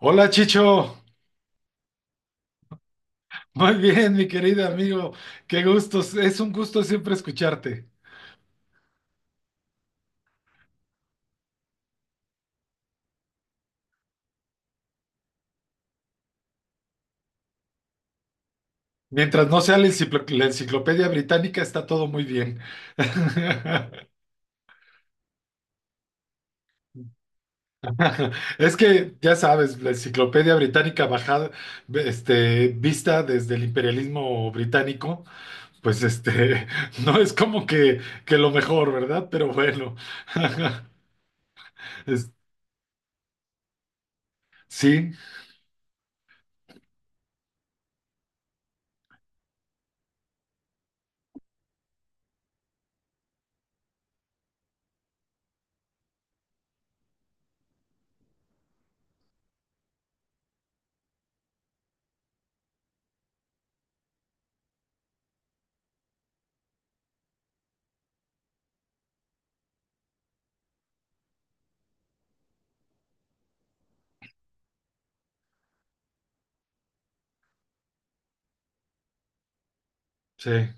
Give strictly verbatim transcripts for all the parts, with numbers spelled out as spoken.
Hola Chicho, muy bien mi querido amigo, qué gusto, es un gusto siempre escucharte. Mientras no sea la enciclo- la enciclopedia británica está todo muy bien. Es que ya sabes, la enciclopedia británica bajada, este, vista desde el imperialismo británico, pues este, no es como que, que lo mejor, ¿verdad? Pero bueno, Es- sí, sí.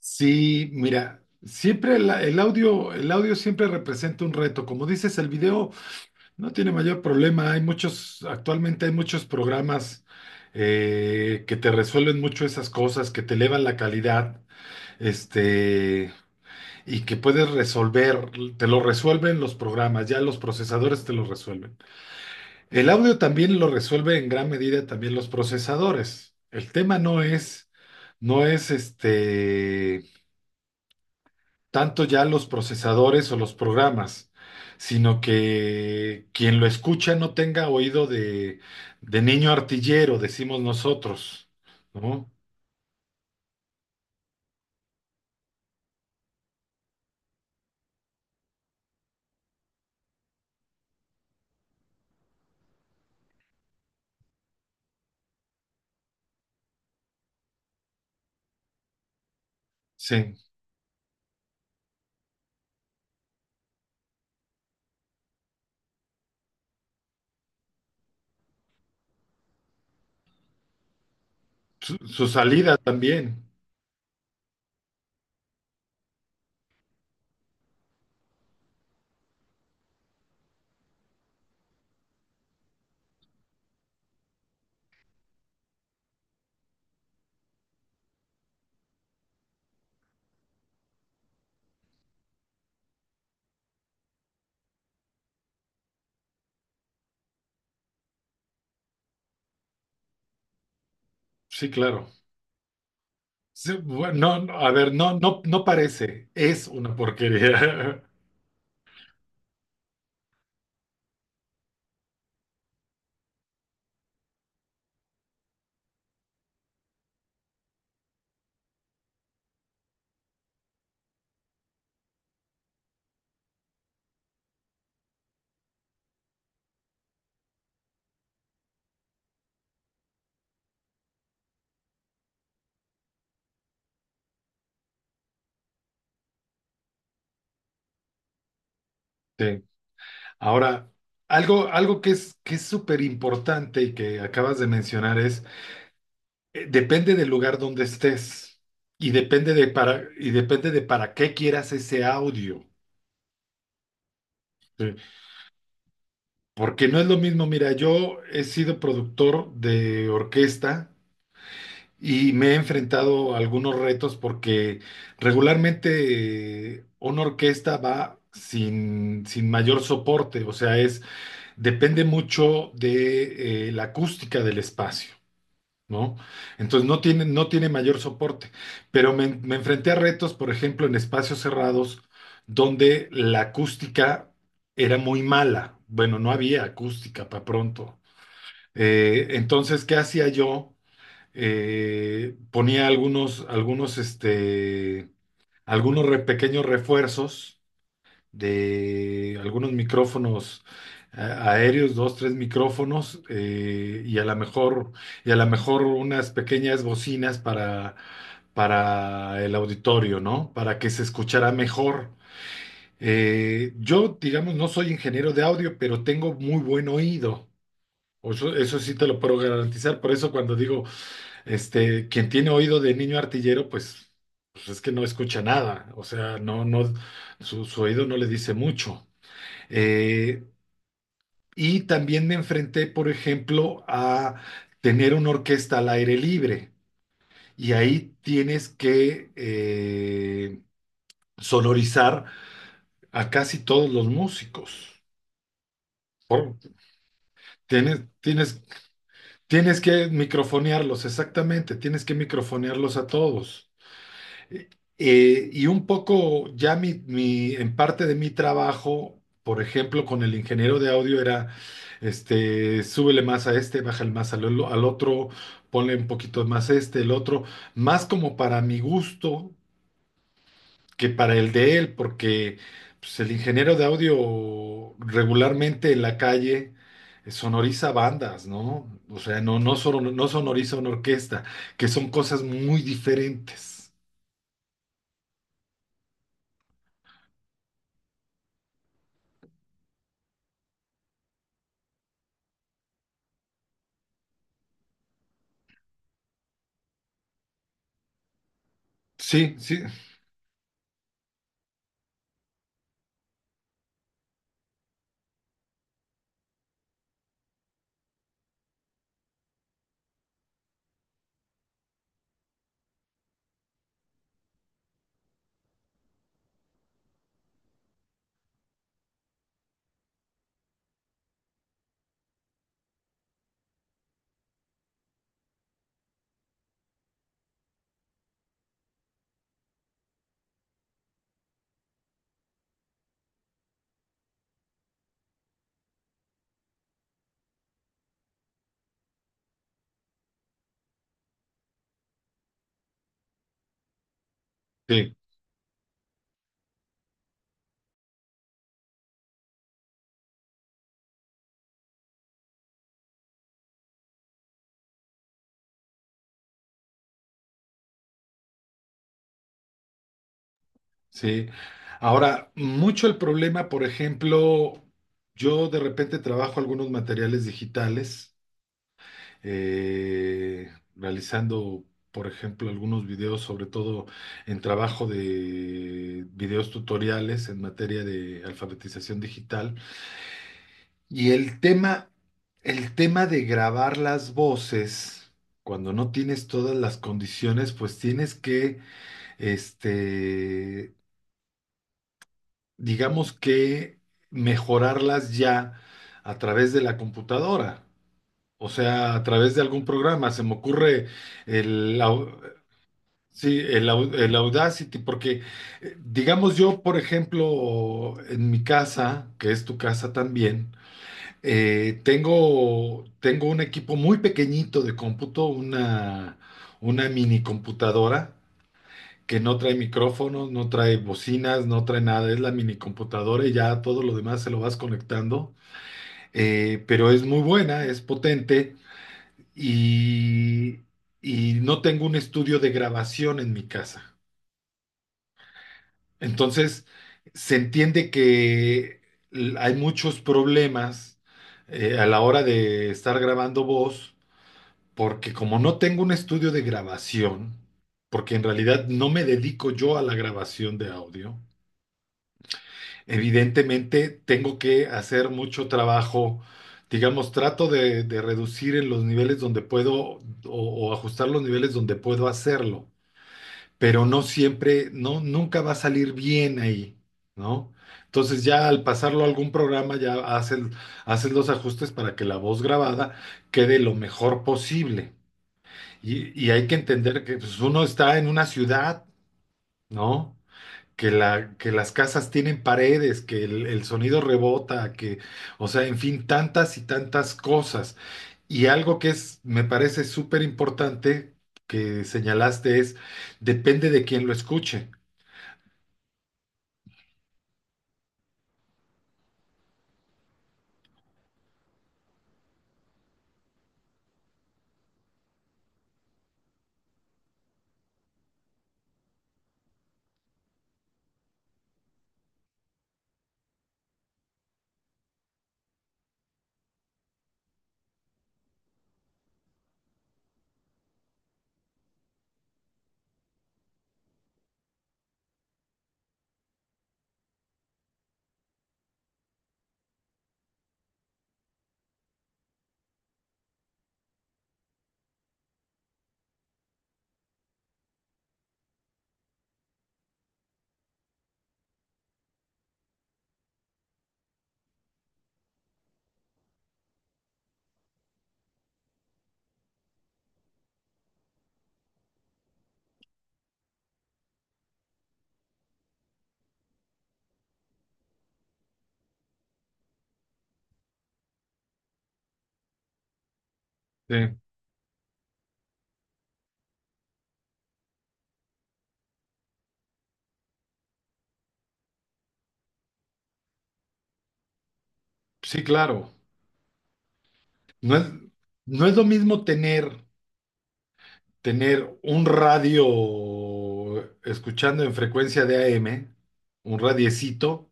Sí, mira, siempre la- el audio, el audio siempre representa un reto. Como dices, el video no tiene mayor problema. Hay muchos, actualmente hay muchos programas eh, que te resuelven mucho esas cosas, que te elevan la calidad, este, y que puedes resolver, te lo resuelven los programas, ya los procesadores te lo resuelven. El audio también lo resuelve en gran medida también los procesadores. El tema no es, no es este. Tanto ya los procesadores o los programas, sino que quien lo escucha no tenga oído de, de niño artillero, decimos nosotros, ¿no? Sí, su, su salida también, sí, claro. Sí, bueno, no, a ver, no, no, no parece, es una porquería. Sí. Ahora, algo, algo que es, que es súper importante y que acabas de mencionar es. Eh, Depende del lugar donde estés y depende de para, y depende de para qué quieras ese audio. ¿Sí? Porque no es lo mismo, mira, yo he sido productor de orquesta y me he enfrentado a algunos retos porque regularmente eh, una orquesta va sin, sin mayor soporte, o sea, es, depende mucho de eh, la acústica del espacio. ¿No? Entonces no tiene, no tiene mayor soporte. Pero me, me enfrenté a retos, por ejemplo, en espacios cerrados, donde la acústica era muy mala. Bueno, no había acústica para pronto. Eh, entonces, ¿qué hacía yo? Eh, ponía algunos, algunos, este, algunos re- pequeños refuerzos de algunos micrófonos a- aéreos, dos, tres micrófonos, eh, y a lo mejor, y a lo mejor unas pequeñas bocinas para, para el auditorio, ¿no? Para que se escuchara mejor. Eh, yo, digamos, no soy ingeniero de audio, pero tengo muy buen oído. O Eso, eso sí te lo puedo garantizar. Por eso cuando digo, este, quien tiene oído de niño artillero, pues, pues es que no escucha nada. O sea, no, no, su, su oído no le dice mucho. Eh, y también me enfrenté, por ejemplo, a tener una orquesta al aire libre. Y ahí tienes que eh, sonorizar a casi todos los músicos. Por- tienes, tienes, tienes que microfonearlos, exactamente. Tienes que microfonearlos a todos. Eh, y un poco ya mi, mi- en parte de mi trabajo, por ejemplo, con el ingeniero de audio era, este, súbele más a este, bájale más al, ol- al otro, ponle un poquito más este, el otro, más como para mi gusto que para el de él, porque pues, el ingeniero de audio regularmente en la calle eh, sonoriza bandas, ¿no? O sea, no, no, son- no sonoriza una orquesta, que son cosas muy diferentes. Sí, sí, sí. Sí. Ahora, mucho el problema, por ejemplo, yo de repente trabajo algunos materiales digitales, eh, realizando, por ejemplo, algunos videos, sobre todo en trabajo de videos tutoriales en materia de alfabetización digital. Y el tema, el tema de grabar las voces. Cuando no tienes todas las condiciones, pues tienes que, este, digamos que mejorarlas ya a través de la computadora, o sea, a través de algún programa. Se me ocurre el, au- sí, el, au- el Audacity, porque eh, digamos yo, por ejemplo, en mi casa, que es tu casa también, eh, tengo, tengo un equipo muy pequeñito de cómputo, una, una mini computadora que no trae micrófonos, no trae bocinas, no trae nada, es la mini computadora y ya todo lo demás se lo vas conectando. Eh, pero es muy buena, es potente y, y no tengo un estudio de grabación en mi casa. Entonces, se entiende que l- hay muchos problemas eh, a la hora de estar grabando voz, porque como no tengo un estudio de grabación, porque en realidad no me dedico yo a la grabación de audio, evidentemente, tengo que hacer mucho trabajo, digamos, trato de, de reducir en los niveles donde puedo o, o ajustar los niveles donde puedo hacerlo, pero no siempre, no, nunca va a salir bien ahí, ¿no? Entonces ya al pasarlo a algún programa ya haces, haces los ajustes para que la voz grabada quede lo mejor posible. Y, y hay que entender que pues, uno está en una ciudad, ¿no? Que, la, que las casas tienen paredes, que el, el sonido rebota, que, o sea, en fin, tantas y tantas cosas. Y algo que es, me parece súper importante que señalaste es, depende de quién lo escuche. Sí, sí, claro. No es, no es lo mismo tener, tener un radio escuchando en frecuencia de a m un radiecito,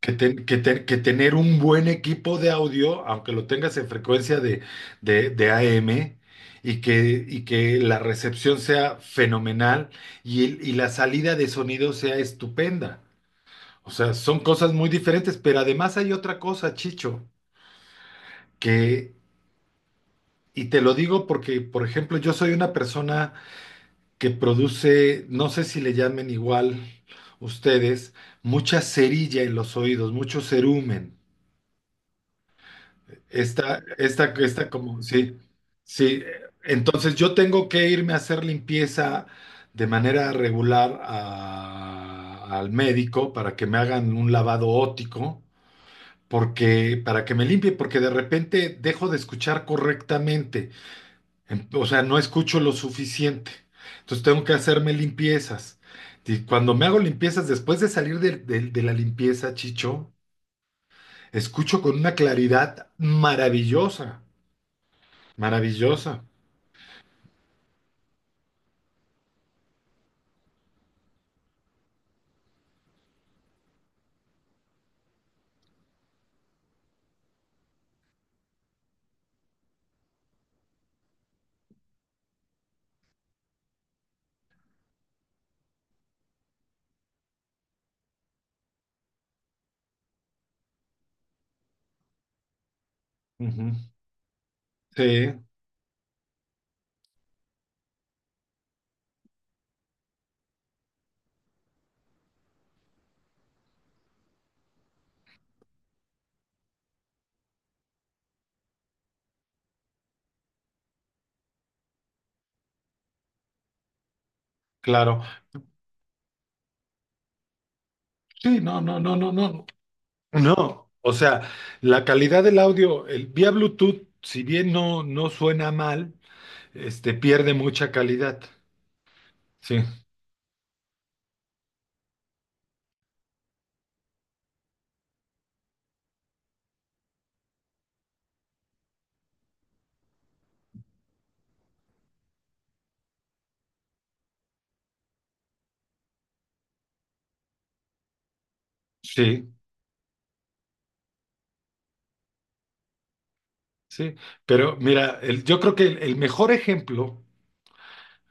que, ten- que ten- que tener un buen equipo de audio, aunque lo tengas en frecuencia de, de, de A M, y que, y que la recepción sea fenomenal y, el- y la salida de sonido sea estupenda. O sea, son cosas muy diferentes, pero además hay otra cosa, Chicho, que, y te lo digo porque, por ejemplo, yo soy una persona que produce, no sé si le llamen igual ustedes, mucha cerilla en los oídos, mucho cerumen. Esta, esta, esta como, sí, sí. Entonces yo tengo que irme a hacer limpieza de manera regular a- al médico para que me hagan un lavado óptico, porque, para que me limpie, porque de repente dejo de escuchar correctamente. Em- o sea, no escucho lo suficiente. Entonces tengo que hacerme limpiezas. Y cuando me hago limpiezas, después de salir de de- de la limpieza, Chicho, escucho con una claridad maravillosa. Maravillosa. Ujú. Sí, claro. Sí, no, no, no, no, no. No, o sea, la calidad del audio, el, vía Bluetooth, si bien no, no suena mal, este, pierde mucha calidad. Sí, sí, sí. Pero mira, el- yo creo que el, el mejor ejemplo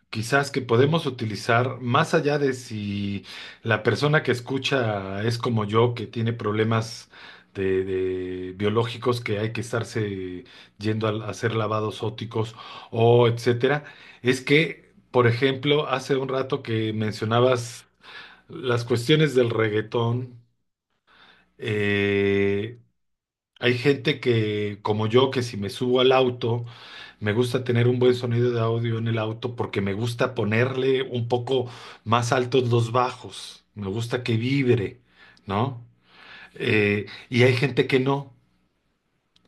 quizás que podemos utilizar más allá de si la persona que escucha es como yo, que tiene problemas de, de biológicos que hay que estarse yendo a, a hacer lavados ópticos o etcétera, es que, por ejemplo, hace un rato que mencionabas las cuestiones del reggaetón, eh, hay gente que, como yo, que si me subo al auto, me gusta tener un buen sonido de audio en el auto porque me gusta ponerle un poco más altos los bajos. Me gusta que vibre, ¿no? Eh, y hay gente que no.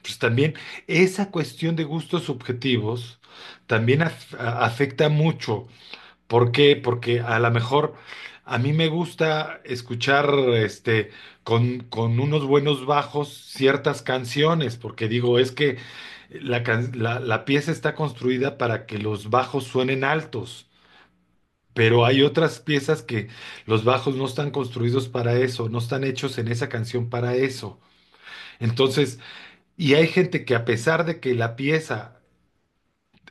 Pues también esa cuestión de gustos subjetivos también af- a- afecta mucho. ¿Por qué? Porque a lo mejor a mí me gusta escuchar este con, con unos buenos bajos ciertas canciones, porque digo, es que la, can- la, la pieza está construida para que los bajos suenen altos, pero hay otras piezas que los bajos no están construidos para eso, no están hechos en esa canción para eso. Entonces, y hay gente que a pesar de que la pieza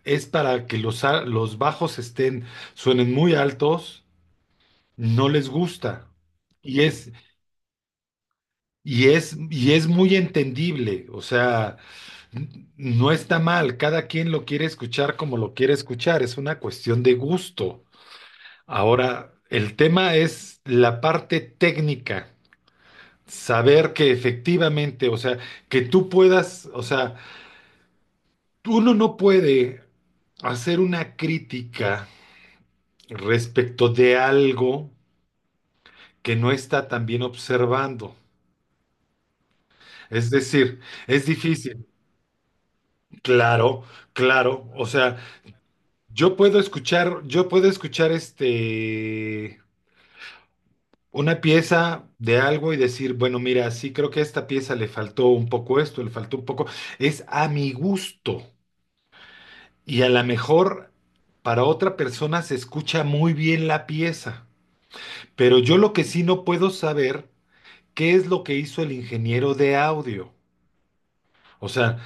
es para que los, a- los bajos estén, suenen muy altos, no les gusta. Y es, y es, y es muy entendible, o sea, n- no está mal, cada quien lo quiere escuchar como lo quiere escuchar, es una cuestión de gusto. Ahora, el tema es la parte técnica, saber que efectivamente, o sea, que tú puedas, o sea, uno no puede hacer una crítica respecto de algo que no está tan bien observando. Es decir, es difícil. Claro, claro. O sea, yo puedo escuchar, yo puedo escuchar este una pieza de algo y decir, bueno, mira, sí creo que a esta pieza le faltó un poco esto, le faltó un poco. Es a mi gusto. Y a lo mejor para otra persona se escucha muy bien la pieza. Pero yo lo que sí no puedo saber, ¿qué es lo que hizo el ingeniero de audio? O sea,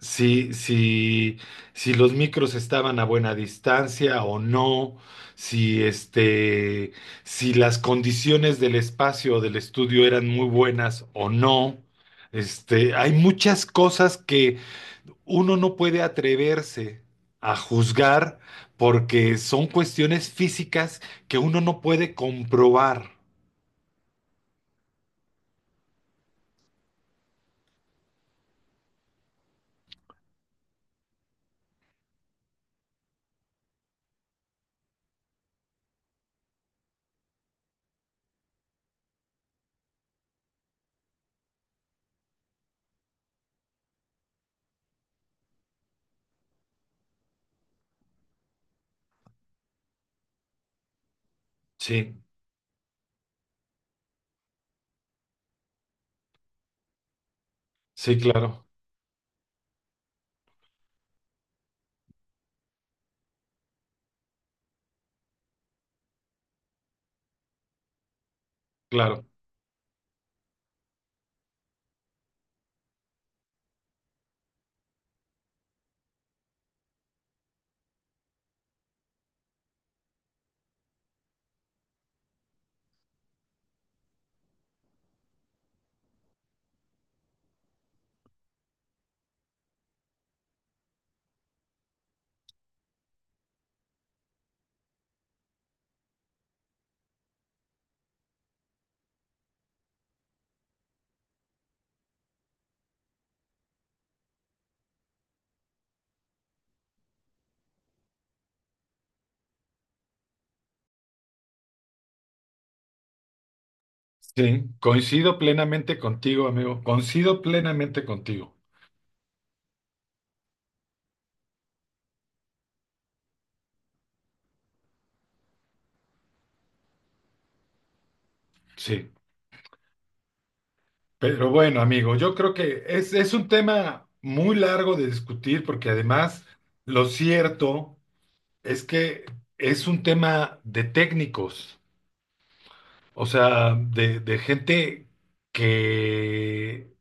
si, si, si los micros estaban a buena distancia o no, si este, si las condiciones del espacio o del estudio eran muy buenas o no. Este, hay muchas cosas que uno no puede atreverse a juzgar porque son cuestiones físicas que uno no puede comprobar. Sí, sí, claro, claro. Sí, coincido plenamente contigo, amigo. Coincido plenamente contigo. Sí, pero bueno, amigo, yo creo que es, es un tema muy largo de discutir porque además lo cierto es que es un tema de técnicos, o sea, de, de gente que,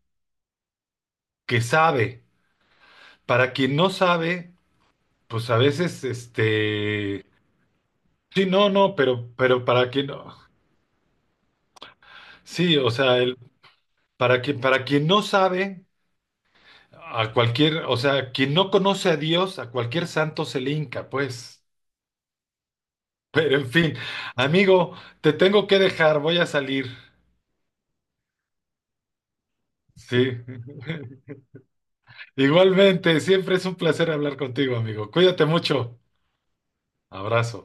que sabe. Para quien no sabe, pues a veces, este, sí, no, no, pero, pero para quien no, sí, o sea, el- para quien, para quien no sabe. A cualquier, o sea, quien no conoce a Dios, a cualquier santo se le hinca, pues. Pero en fin, amigo, te tengo que dejar, voy a salir. Sí. Igualmente, siempre es un placer hablar contigo, amigo. Cuídate mucho. Abrazo.